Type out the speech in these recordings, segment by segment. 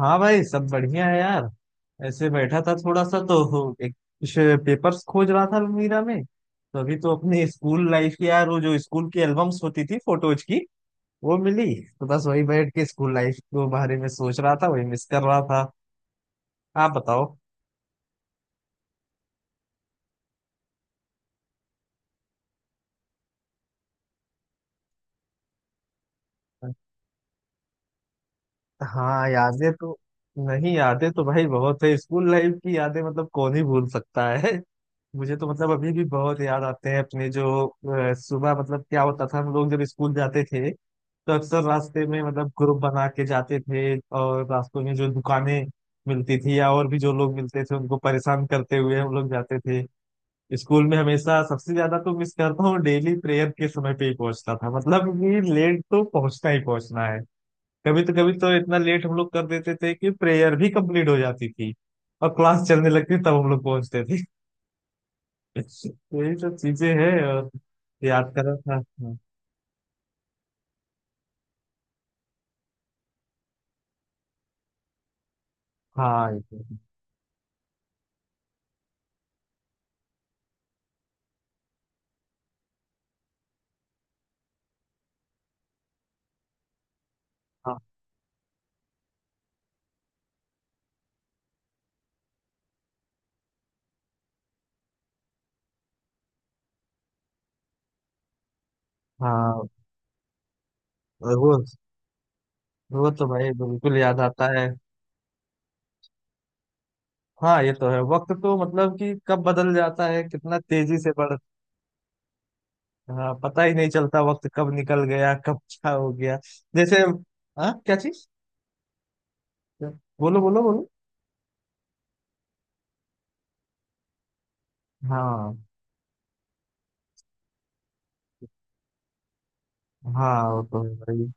हाँ भाई, सब बढ़िया है यार। ऐसे बैठा था थोड़ा सा तो एक कुछ पेपर्स खोज रहा था अलमीरा में, तो अभी तो अपने स्कूल लाइफ की यार, वो जो स्कूल की एल्बम्स होती थी फोटोज की, वो मिली। तो बस वही बैठ के स्कूल लाइफ के बारे में सोच रहा था, वही मिस कर रहा था। आप बताओ। हाँ, यादें तो। नहीं, यादें तो भाई बहुत है स्कूल लाइफ की। यादें मतलब कौन ही भूल सकता है। मुझे तो मतलब अभी भी बहुत याद आते हैं अपने जो सुबह मतलब क्या होता था। हम लोग जब स्कूल जाते थे तो अक्सर रास्ते में मतलब ग्रुप बना के जाते थे, और रास्तों में जो दुकानें मिलती थी या और भी जो लोग मिलते थे उनको परेशान करते हुए हम लोग जाते थे। स्कूल में हमेशा सबसे ज्यादा तो मिस करता हूँ, डेली प्रेयर के समय पे ही पहुंचता था। मतलब कि लेट तो पहुंचना ही पहुंचना है। कभी तो इतना लेट हम लोग कर देते थे कि प्रेयर भी कंप्लीट हो जाती थी और क्लास चलने लगती, तब हम लोग पहुंचते थे। तो यही सब चीजें हैं। और याद करा था। हाँ हाँ, ये तो है। हाँ हाँ। और वो तो भाई बिल्कुल याद आता है। हाँ, ये तो है। वक्त तो मतलब कि कब बदल जाता है, कितना तेजी से बढ़। हाँ, पता ही नहीं चलता वक्त कब निकल गया, कब क्या हो गया। जैसे। हाँ, क्या चीज? बोलो, बोलो, बोलो। हाँ हाँ, वो तो है भाई।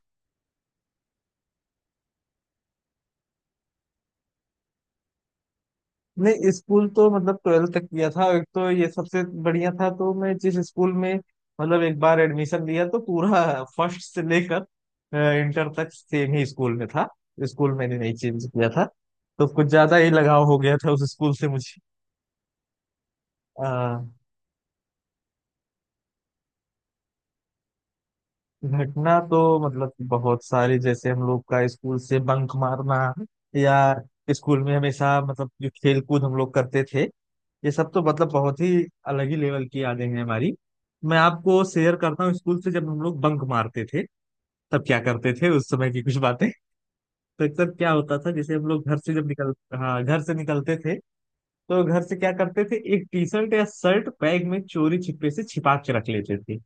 नहीं, स्कूल तो मतलब ट्वेल्थ तक किया था। एक तो ये सबसे बढ़िया था तो मैं जिस स्कूल में मतलब एक बार एडमिशन लिया तो पूरा फर्स्ट से लेकर इंटर तक सेम ही स्कूल में था। स्कूल मैंने नहीं चेंज किया था, तो कुछ ज्यादा ही लगाव हो गया था उस स्कूल से मुझे। अ, घटना तो मतलब बहुत सारी। जैसे हम लोग का स्कूल से बंक मारना, या स्कूल में हमेशा मतलब जो खेल कूद हम लोग करते थे, ये सब तो मतलब बहुत ही अलग ही लेवल की यादें हैं हमारी। मैं आपको शेयर करता हूँ स्कूल से जब हम लोग बंक मारते थे तब क्या करते थे, उस समय की कुछ बातें। तो अक्सर क्या होता था, जैसे हम लोग घर से जब निकल। हाँ, घर से निकलते थे तो घर से क्या करते थे, एक टी शर्ट या शर्ट बैग में चोरी छिपे से छिपा के रख लेते थे।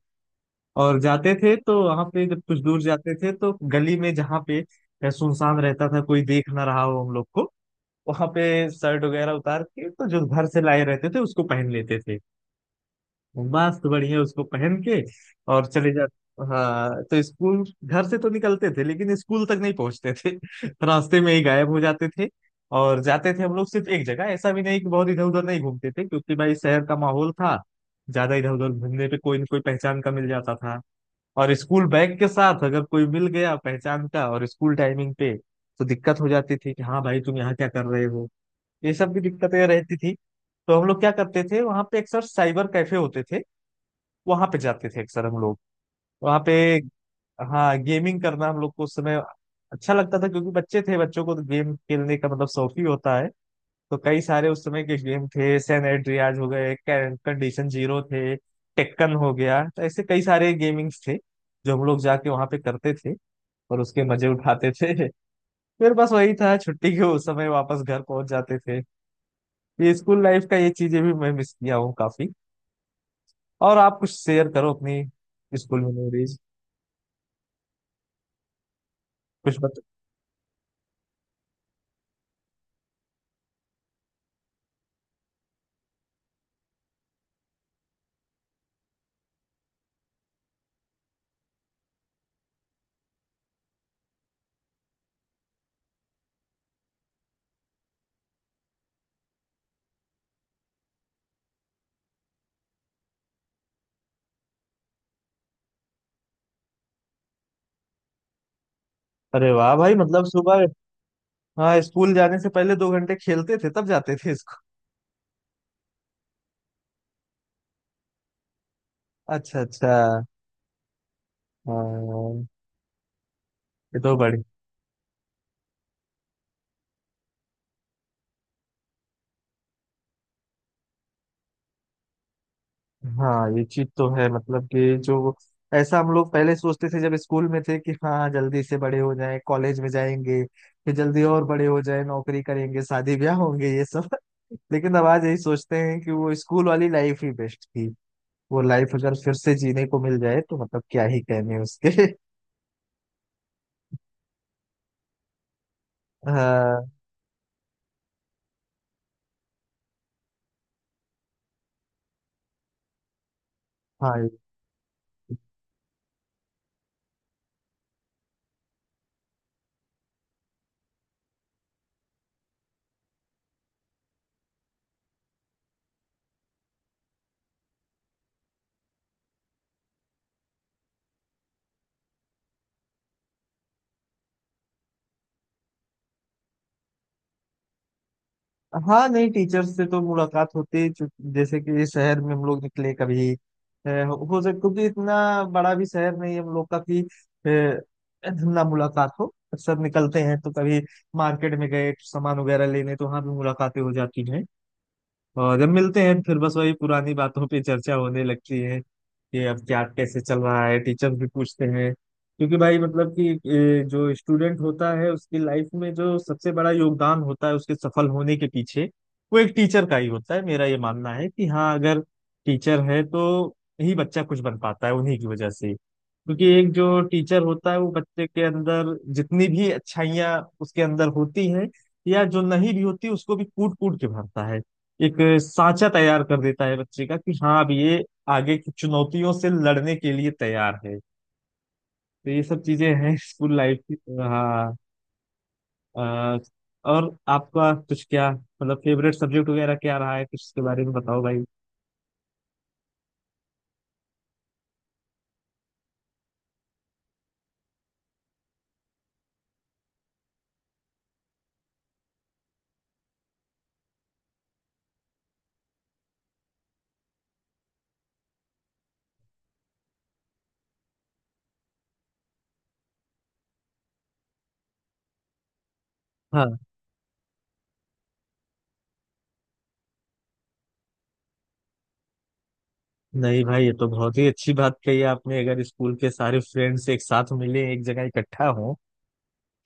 और जाते थे तो वहां पे जब कुछ दूर जाते थे तो गली में जहाँ पे सुनसान रहता था, कोई देख ना रहा हो हम लोग को, वहां पे शर्ट वगैरह उतार के तो जो घर से लाए रहते थे उसको पहन लेते थे। मस्त बढ़िया उसको पहन के और चले जाते। हाँ, तो स्कूल घर से तो निकलते थे लेकिन स्कूल तक नहीं पहुंचते थे। रास्ते में ही गायब हो जाते थे। और जाते थे हम लोग सिर्फ एक जगह, ऐसा भी नहीं कि बहुत इधर उधर नहीं घूमते थे, क्योंकि भाई शहर का माहौल था, ज्यादा इधर उधर घूमने पे कोई न कोई पहचान का मिल जाता था। और स्कूल बैग के साथ अगर कोई मिल गया पहचान का और स्कूल टाइमिंग पे, तो दिक्कत हो जाती थी कि हाँ भाई तुम यहाँ क्या कर रहे हो। ये सब भी दिक्कतें रहती थी। तो हम लोग क्या करते थे, वहां पे अक्सर साइबर कैफे होते थे, वहां पे जाते थे अक्सर हम लोग वहां पे। हाँ, गेमिंग करना हम लोग को उस समय अच्छा लगता था, क्योंकि बच्चे थे, बच्चों को तो गेम खेलने का मतलब शौक ही होता है। तो कई सारे उस समय के गेम थे, सैन एंड्रियाज हो गए, कंडीशन जीरो थे, टेक्कन हो गया, तो ऐसे कई सारे गेमिंग्स थे जो हम लोग जाके वहां पे करते थे और उसके मजे उठाते थे। फिर बस वही था, छुट्टी के उस समय वापस घर पहुंच जाते थे। ये स्कूल लाइफ का ये चीजें भी मैं मिस किया हूँ काफी। और आप कुछ शेयर करो अपनी स्कूल मेमोरीज कुछ। अरे वाह भाई, मतलब सुबह। हाँ, स्कूल जाने से पहले 2 घंटे खेलते थे तब जाते थे स्कूल। अच्छा अच्छा। हाँ, ये तो बड़ी। हाँ, ये चीज तो है। मतलब कि जो ऐसा हम लोग पहले सोचते थे जब स्कूल में थे कि हाँ जल्दी से बड़े हो जाएं, कॉलेज में जाएंगे, फिर जल्दी और बड़े हो जाएं, नौकरी करेंगे, शादी ब्याह होंगे, ये सब लेकिन अब आज यही सोचते हैं कि वो स्कूल वाली लाइफ ही बेस्ट थी। वो लाइफ अगर फिर से जीने को मिल जाए तो मतलब क्या ही कहने उसके। हाँ। हाँ। हाँ नहीं, टीचर से तो मुलाकात होती है, जैसे कि इस शहर में हम लोग निकले कभी। हो सकता, क्योंकि इतना बड़ा भी शहर नहीं है हम लोग का कि ना मुलाकात हो। अक्सर निकलते हैं तो कभी मार्केट में गए सामान वगैरह लेने तो वहाँ भी मुलाकातें हो जाती हैं। और जब मिलते हैं फिर बस वही पुरानी बातों पे चर्चा होने लगती है कि अब क्या कैसे चल रहा है। टीचर भी पूछते हैं, क्योंकि भाई मतलब कि जो स्टूडेंट होता है उसकी लाइफ में जो सबसे बड़ा योगदान होता है उसके सफल होने के पीछे, वो एक टीचर का ही होता है। मेरा ये मानना है कि हाँ, अगर टीचर है तो ही बच्चा कुछ बन पाता है, उन्हीं की वजह से। क्योंकि एक जो टीचर होता है वो बच्चे के अंदर जितनी भी अच्छाइयाँ उसके अंदर होती हैं, या जो नहीं भी होती उसको भी कूट कूट के भरता है। एक साँचा तैयार कर देता है बच्चे का कि हाँ अब ये आगे की चुनौतियों से लड़ने के लिए तैयार है। तो ये सब चीजें हैं स्कूल लाइफ की। हाँ। अ, और आपका कुछ क्या मतलब फेवरेट सब्जेक्ट वगैरह क्या रहा है? कुछ इसके बारे में बताओ भाई। हाँ। नहीं भाई, ये तो बहुत ही अच्छी बात कही आपने, अगर स्कूल के सारे फ्रेंड्स एक साथ मिले, एक जगह इकट्ठा हो।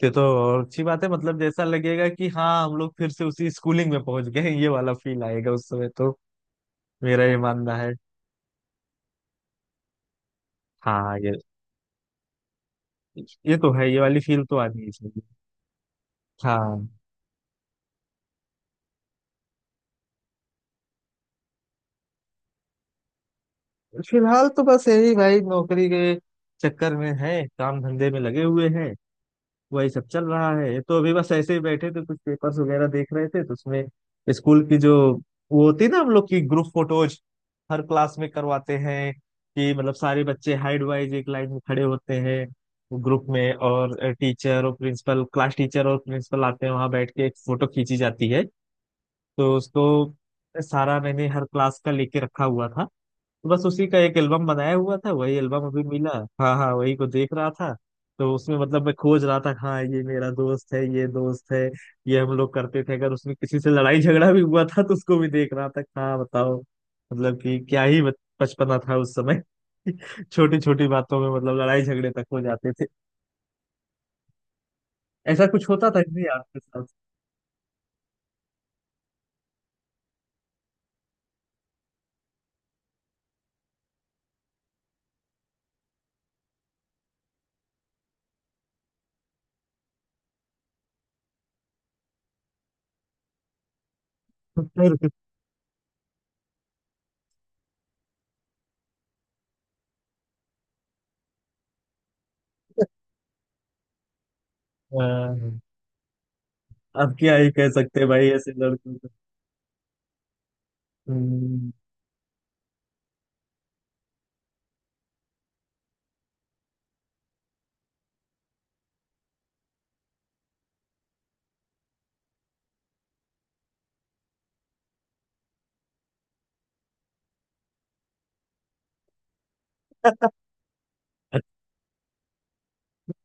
ये तो और अच्छी बात है, मतलब जैसा लगेगा कि हाँ हम लोग फिर से उसी स्कूलिंग में पहुंच गए हैं, ये वाला फील आएगा उस समय तो। मेरा ये मानना है। हाँ, ये तो है। ये वाली फील तो आनी ही चाहिए। हाँ। फिलहाल तो बस यही भाई, नौकरी के चक्कर में है, काम धंधे में लगे हुए हैं। वही सब चल रहा है। तो अभी बस ऐसे ही बैठे थे, कुछ पेपर्स वगैरह देख रहे थे, तो उसमें स्कूल की जो वो होती है ना हम लोग की ग्रुप फोटोज, हर क्लास में करवाते हैं कि मतलब सारे बच्चे हाइड वाइज एक लाइन में खड़े होते हैं ग्रुप में, और टीचर और प्रिंसिपल, क्लास टीचर और प्रिंसिपल आते हैं वहां बैठ के एक फोटो खींची जाती है। तो उसको सारा मैंने हर क्लास का लेके रखा हुआ था। तो बस उसी का एक एल्बम बनाया हुआ था, वही एल्बम अभी मिला। हाँ हाँ, वही को देख रहा था। तो उसमें मतलब मैं खोज रहा था कि हाँ ये मेरा दोस्त है, ये दोस्त है, ये हम लोग करते थे। अगर उसमें किसी से लड़ाई झगड़ा भी हुआ था तो उसको भी देख रहा था कि हाँ बताओ, मतलब कि क्या ही बचपना था उस समय। छोटी छोटी बातों में मतलब लड़ाई झगड़े तक हो जाते थे। ऐसा कुछ होता था कि नहीं आपके साथ? फिर, अ, अब क्या ही कह सकते हैं भाई ऐसे लड़कों। हम्म,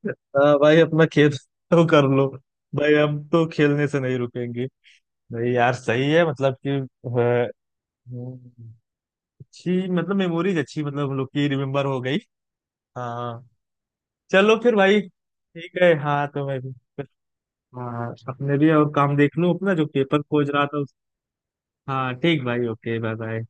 अच्छा भाई अपना खेल तो कर लो। भाई हम तो खेलने से नहीं रुकेंगे। नहीं यार, सही है मतलब कि हम्म, अच्छी मतलब मेमोरीज, अच्छी मतलब हम लोग की रिमेम्बर हो गई। हाँ। चलो फिर भाई, ठीक है। हाँ तो मैं भी। हाँ, अपने भी और काम देख लूं, अपना जो पेपर खोज रहा था उस। हाँ ठीक भाई, ओके बाय बाय।